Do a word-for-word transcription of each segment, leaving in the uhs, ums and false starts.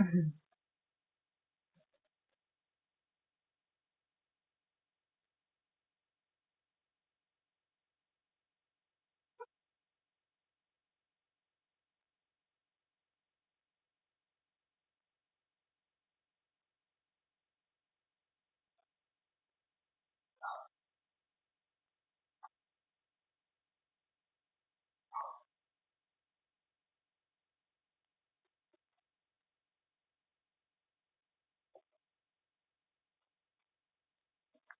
Ujú.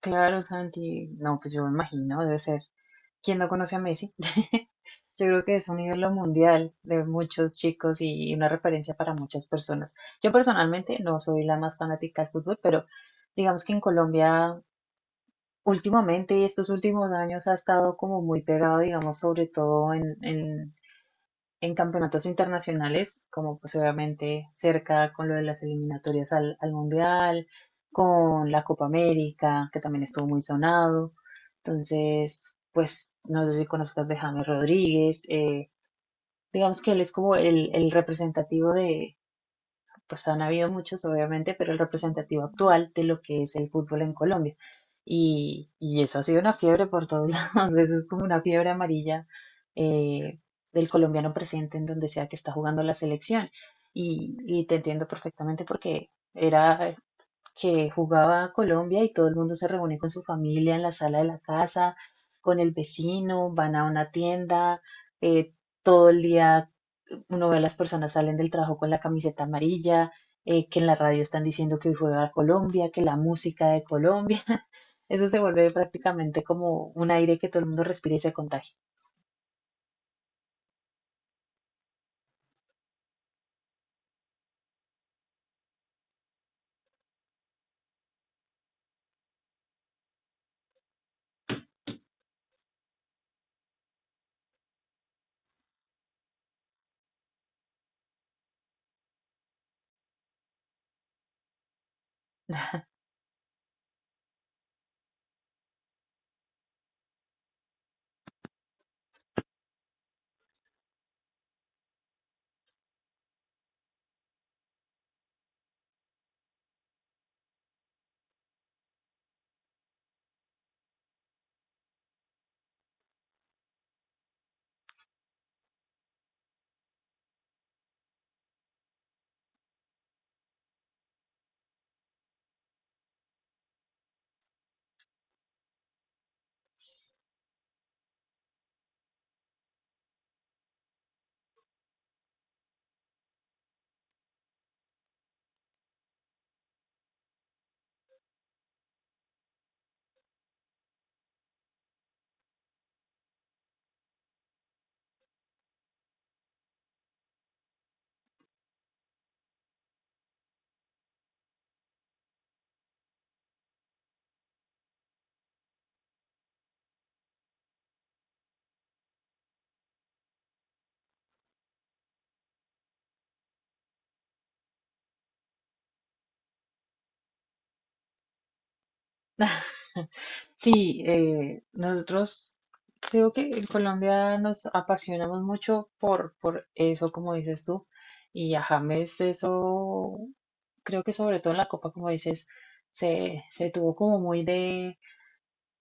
Claro, Santi. No, pues yo me imagino, debe ser. ¿Quién no conoce a Messi? Yo creo que es un ídolo mundial de muchos chicos y una referencia para muchas personas. Yo personalmente no soy la más fanática del fútbol, pero digamos que en Colombia últimamente, estos últimos años, ha estado como muy pegado, digamos, sobre todo en, en en campeonatos internacionales, como pues obviamente cerca con lo de las eliminatorias al, al Mundial, con la Copa América, que también estuvo muy sonado. Entonces, pues no sé si conozcas de James Rodríguez, eh, digamos que él es como el, el representativo de, pues han habido muchos, obviamente, pero el representativo actual de lo que es el fútbol en Colombia. Y, y eso ha sido una fiebre por todos lados, eso es como una fiebre amarilla eh, del colombiano presente en donde sea que está jugando la selección. Y, y te entiendo perfectamente porque era que jugaba Colombia y todo el mundo se reúne con su familia en la sala de la casa, con el vecino, van a una tienda, eh, todo el día uno ve a las personas salen del trabajo con la camiseta amarilla, eh, que en la radio están diciendo que hoy juega Colombia, que la música de Colombia. Eso se vuelve prácticamente como un aire que todo el mundo respira y se contagia. Sí, eh, nosotros creo que en Colombia nos apasionamos mucho por, por eso, como dices tú, y a James eso, creo que sobre todo en la Copa, como dices, se, se tuvo como muy de,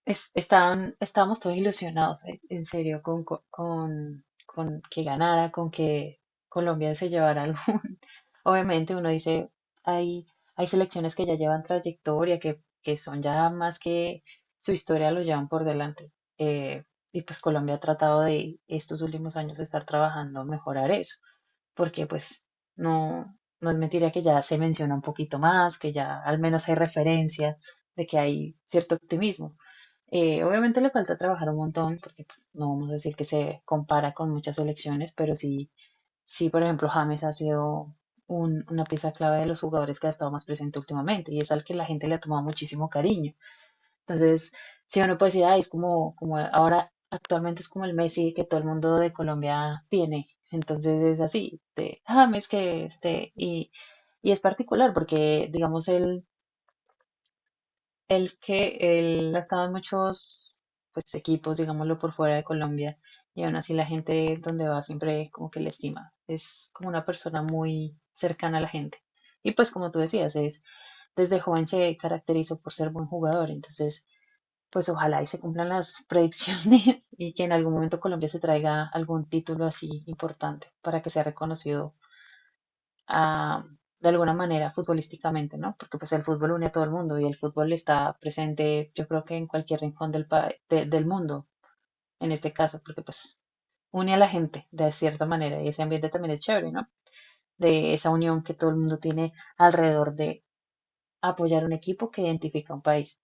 es- estaban, estábamos todos ilusionados, eh, en serio, con, co- con, con que ganara, con que Colombia se llevara algo, Obviamente uno dice, hay, hay selecciones que ya llevan trayectoria, que, que son ya más que su historia lo llevan por delante. Eh, y pues Colombia ha tratado de estos últimos años de estar trabajando, mejorar eso, porque pues no, no es mentira que ya se menciona un poquito más, que ya al menos hay referencia de que hay cierto optimismo. Eh, obviamente le falta trabajar un montón, porque pues, no vamos a decir que se compara con muchas selecciones, pero sí sí, por ejemplo, James ha sido un- una pieza clave de los jugadores que ha estado más presente últimamente y es al que la gente le ha tomado muchísimo cariño. Entonces, si uno puede decir, "Ay, es como, como ahora actualmente es como el Messi que todo el mundo de Colombia tiene. Entonces es así, de James que este, y, y es particular porque, digamos, él el que él ha estado en muchos pues, equipos, digámoslo, por fuera de Colombia, y aún así la gente donde va siempre como que le estima. Es como una persona muy cercana a la gente. Y pues como tú decías, es, desde joven se caracterizó por ser buen jugador, entonces pues ojalá y se cumplan las predicciones y que en algún momento Colombia se traiga algún título así importante para que sea reconocido ah, de alguna manera futbolísticamente, ¿no? Porque pues el fútbol une a todo el mundo y el fútbol está presente, yo creo que en cualquier rincón del, pa- de- del mundo, en este caso, porque pues une a la gente de cierta manera y ese ambiente también es chévere, ¿no? De esa unión que todo el mundo tiene alrededor de apoyar un equipo que identifica un país.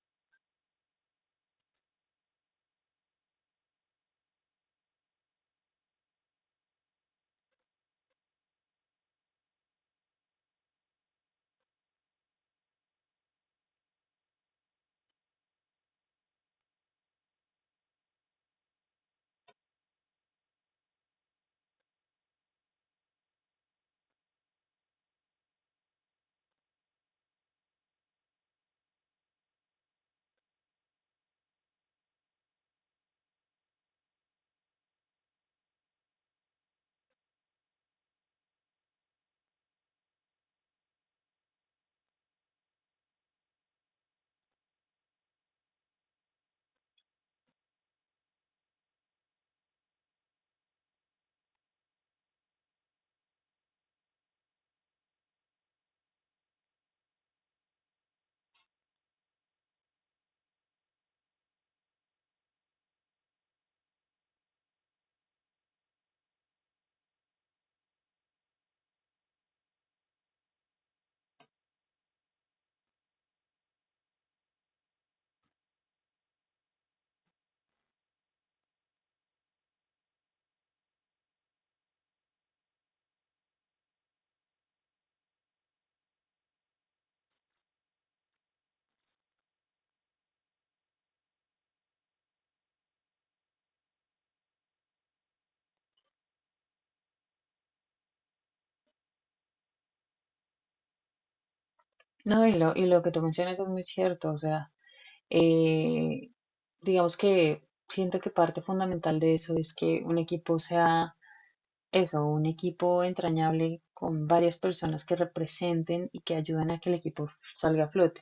No, y lo, y lo que tú mencionas es muy cierto, o sea, eh, digamos que siento que parte fundamental de eso es que un equipo sea eso, un equipo entrañable con varias personas que representen y que ayuden a que el equipo f- salga a flote.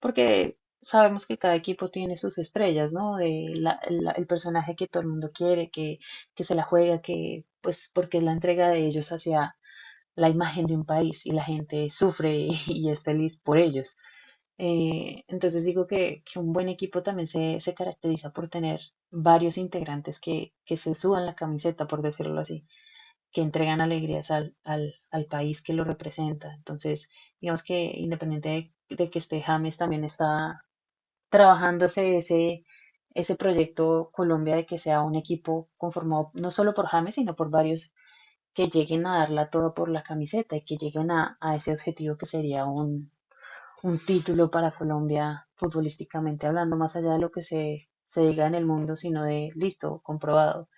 Porque sabemos que cada equipo tiene sus estrellas, ¿no? De la- la- el personaje que todo el mundo quiere, que, que se la juega, que pues porque es la entrega de ellos hacia la imagen de un país y la gente sufre y, es feliz por ellos. Eh, entonces digo que, que un buen equipo también se, se caracteriza por tener varios integrantes que, que se suban la camiseta, por decirlo así que entregan alegrías al, al, al país que lo representa. Entonces, digamos que independiente de, de que esté James, también está trabajándose ese, ese proyecto Colombia de que sea un equipo conformado no solo por James, sino por varios que lleguen a darla todo por la camiseta y que lleguen a, a ese objetivo que sería un, un título para Colombia futbolísticamente hablando, más allá de lo que se, se diga en el mundo, sino de listo, comprobado.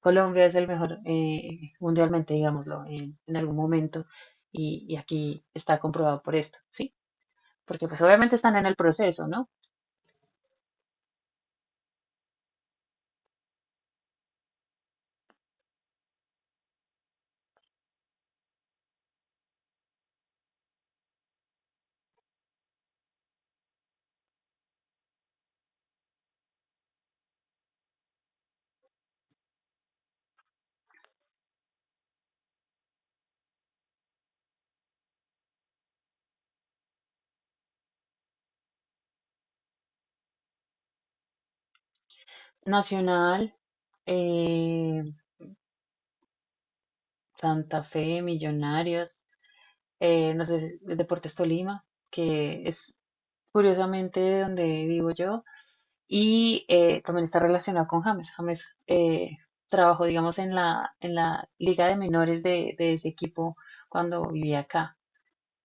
Colombia es el mejor eh, mundialmente, digámoslo, en, en algún momento. Y, y aquí está comprobado por esto, ¿sí? Porque pues obviamente están en el proceso, ¿no? Nacional, eh, Santa Fe, Millonarios, eh, no sé, Deportes Tolima, que es curiosamente donde vivo yo. Y eh, también está relacionado con James. James eh, trabajó, digamos, en la, en la liga de menores de, de ese equipo cuando vivía acá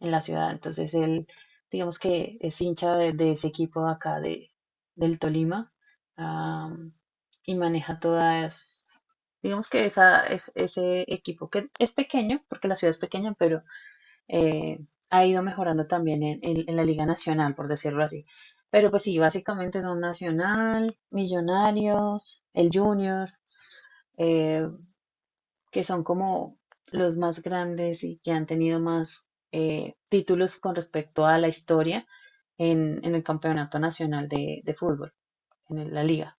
en la ciudad. Entonces él, digamos que es hincha de, de ese equipo de acá de, del Tolima am, y maneja todas, digamos que esa, es, ese equipo que es pequeño, porque la ciudad es pequeña, pero eh, ha ido mejorando también en, en- en la Liga Nacional, por decirlo así. Pero pues sí, básicamente son Nacional, Millonarios, el Junior. eh, que son como los más grandes y que han tenido más eh, títulos con respecto a la historia en, en el campeonato nacional de, de fútbol, en el- la liga.